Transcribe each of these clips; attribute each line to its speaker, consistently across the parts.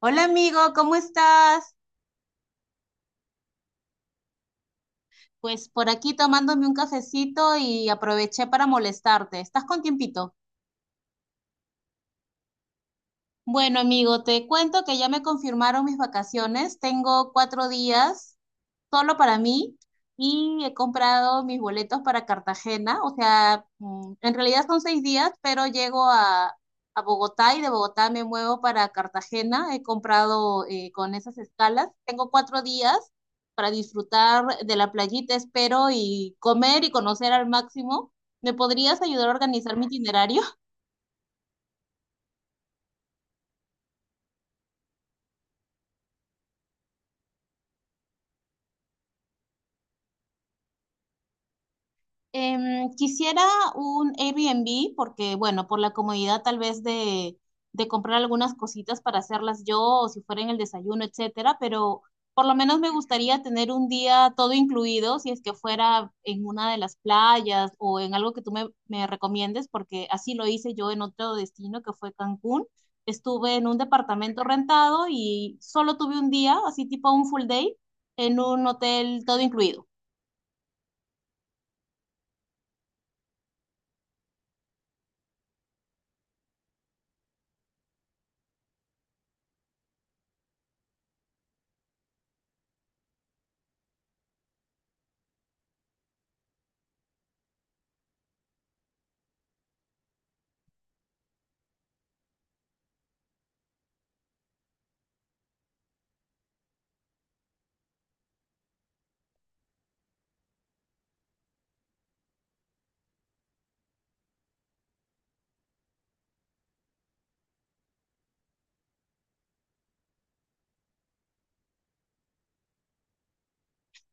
Speaker 1: Hola amigo, ¿cómo estás? Pues por aquí tomándome un cafecito y aproveché para molestarte. ¿Estás con tiempito? Bueno, amigo, te cuento que ya me confirmaron mis vacaciones. Tengo cuatro días solo para mí y he comprado mis boletos para Cartagena. O sea, en realidad son 6 días, pero llego a Bogotá y de Bogotá me muevo para Cartagena. He comprado con esas escalas. Tengo cuatro días para disfrutar de la playita, espero, y comer y conocer al máximo. ¿Me podrías ayudar a organizar mi itinerario? Quisiera un Airbnb porque, bueno, por la comodidad tal vez de comprar algunas cositas para hacerlas yo o si fuera en el desayuno, etcétera, pero por lo menos me gustaría tener un día todo incluido si es que fuera en una de las playas o en algo que tú me recomiendes porque así lo hice yo en otro destino que fue Cancún. Estuve en un departamento rentado y solo tuve un día, así tipo un full day, en un hotel todo incluido.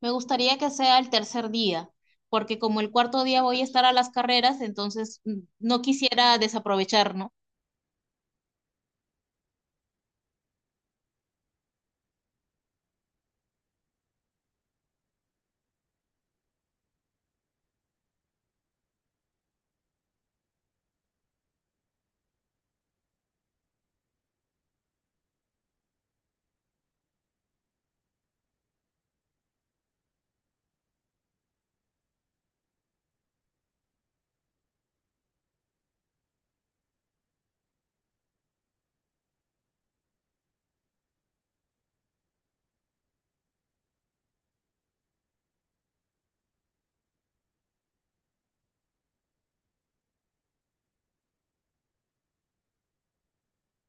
Speaker 1: Me gustaría que sea el tercer día, porque como el cuarto día voy a estar a las carreras, entonces no quisiera desaprovechar, ¿no?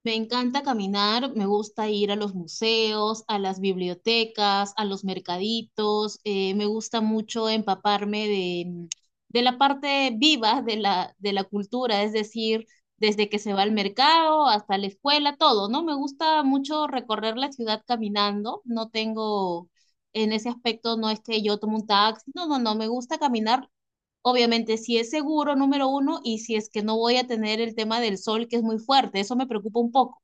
Speaker 1: Me encanta caminar, me gusta ir a los museos, a las bibliotecas, a los mercaditos, me gusta mucho empaparme de la parte viva de de la cultura, es decir, desde que se va al mercado hasta la escuela, todo, ¿no? Me gusta mucho recorrer la ciudad caminando, no tengo, en ese aspecto no es que yo tomo un taxi, no, no, no, me gusta caminar. Obviamente, si es seguro, número uno, y si es que no voy a tener el tema del sol, que es muy fuerte, eso me preocupa un poco.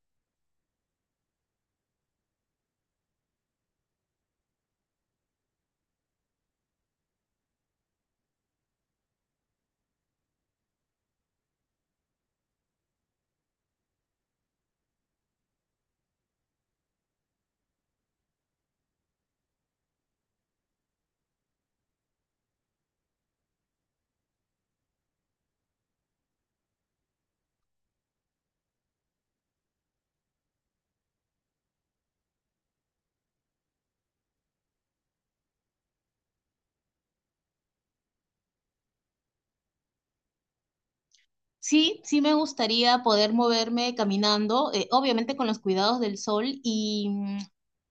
Speaker 1: Sí, sí me gustaría poder moverme caminando, obviamente con los cuidados del sol y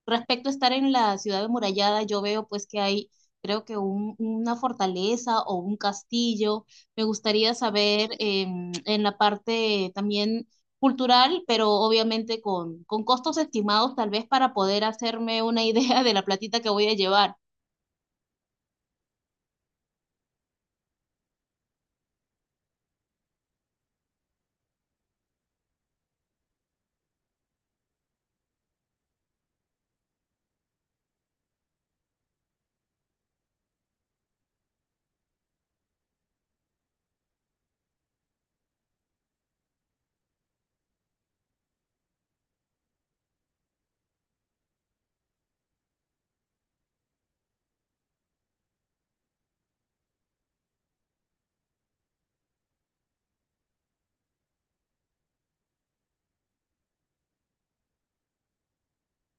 Speaker 1: respecto a estar en la ciudad amurallada, yo veo pues que hay creo que una fortaleza o un castillo. Me gustaría saber en la parte también cultural, pero obviamente con costos estimados tal vez para poder hacerme una idea de la platita que voy a llevar.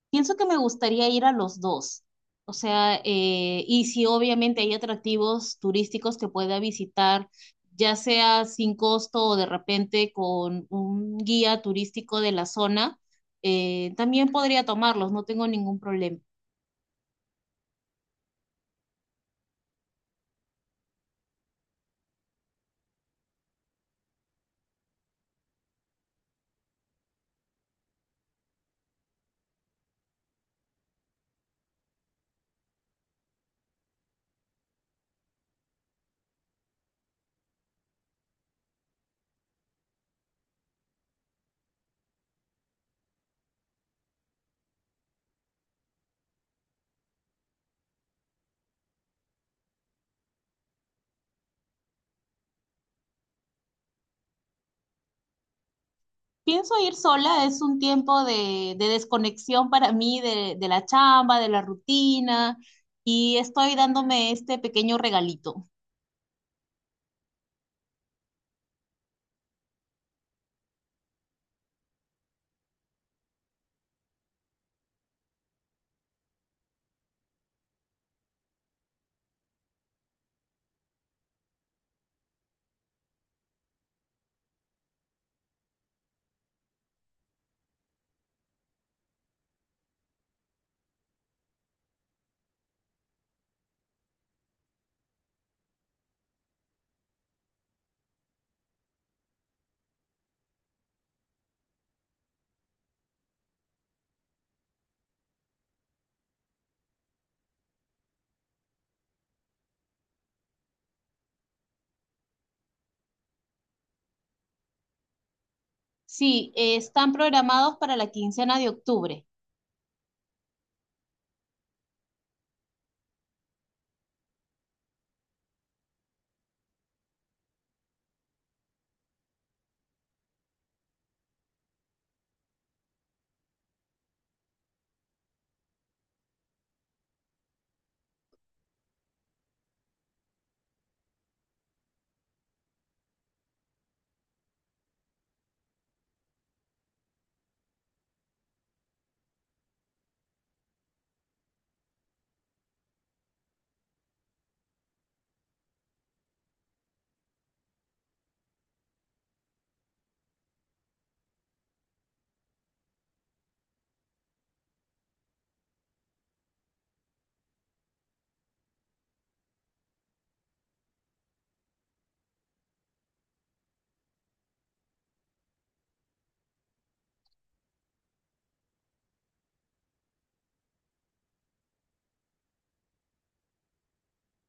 Speaker 1: Pienso que me gustaría ir a los dos. O sea, y si obviamente hay atractivos turísticos que pueda visitar, ya sea sin costo o de repente con un guía turístico de la zona, también podría tomarlos, no tengo ningún problema. Pienso ir sola, es un tiempo de desconexión para mí de la chamba, de la rutina, y estoy dándome este pequeño regalito. Sí, están programados para la quincena de octubre.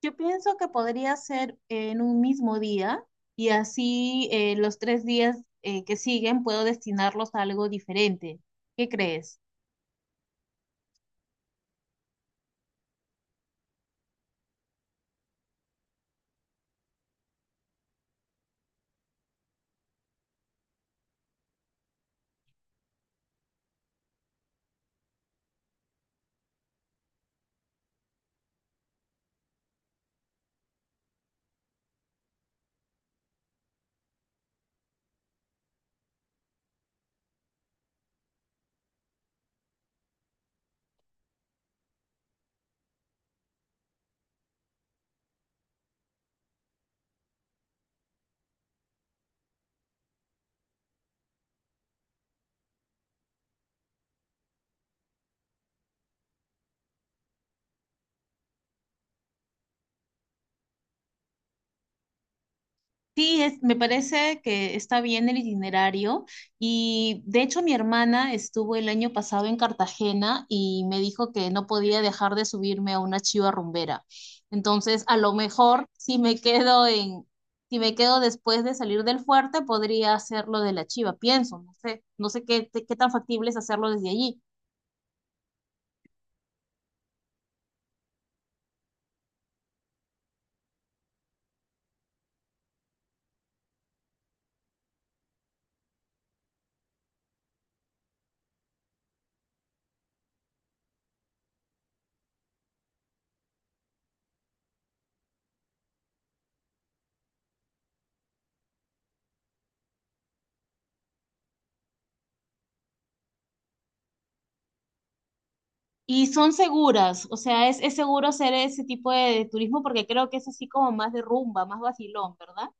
Speaker 1: Yo pienso que podría ser en un mismo día y así los 3 días que siguen puedo destinarlos a algo diferente. ¿Qué crees? Sí, me parece que está bien el itinerario y de hecho mi hermana estuvo el año pasado en Cartagena y me dijo que no podía dejar de subirme a una chiva rumbera. Entonces, a lo mejor si si me quedo después de salir del fuerte, podría hacerlo de la chiva, pienso, no sé, no sé qué tan factible es hacerlo desde allí. Y son seguras, o sea, es seguro hacer ese tipo de turismo porque creo que es así como más de rumba, más vacilón, ¿verdad?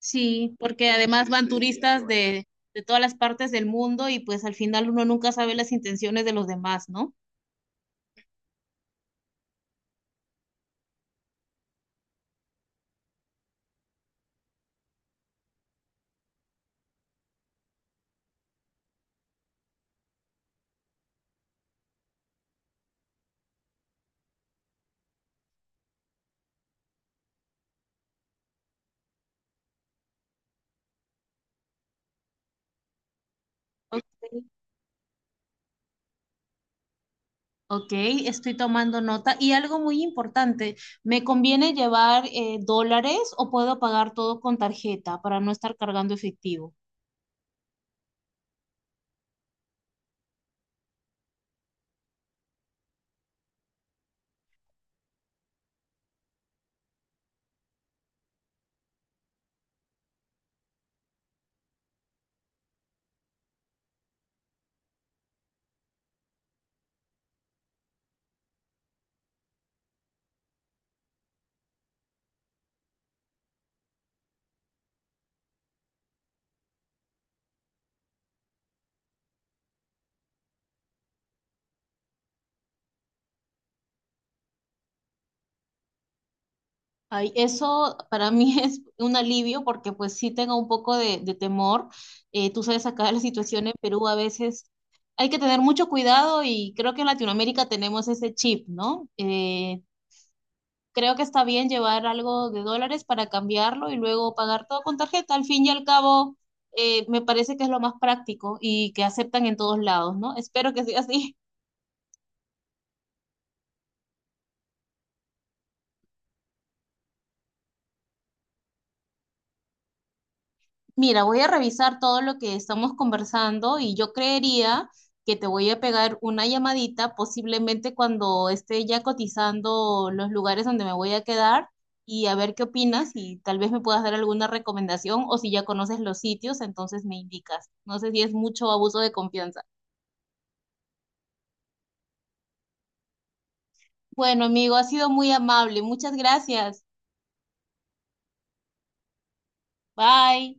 Speaker 1: Sí, porque además van sí, turistas de todas las partes del mundo y pues al final uno nunca sabe las intenciones de los demás, ¿no? Ok, ok, estoy tomando nota. Y algo muy importante, ¿me conviene llevar dólares o puedo pagar todo con tarjeta para no estar cargando efectivo? Ay, eso para mí es un alivio porque pues sí tengo un poco de temor. Tú sabes, acá la situación en Perú a veces hay que tener mucho cuidado y creo que en Latinoamérica tenemos ese chip, ¿no? Creo que está bien llevar algo de dólares para cambiarlo y luego pagar todo con tarjeta. Al fin y al cabo, me parece que es lo más práctico y que aceptan en todos lados, ¿no? Espero que sea así. Mira, voy a revisar todo lo que estamos conversando y yo creería que te voy a pegar una llamadita, posiblemente cuando esté ya cotizando los lugares donde me voy a quedar y a ver qué opinas y tal vez me puedas dar alguna recomendación o si ya conoces los sitios, entonces me indicas. No sé si es mucho abuso de confianza. Bueno, amigo, ha sido muy amable. Muchas gracias. Bye.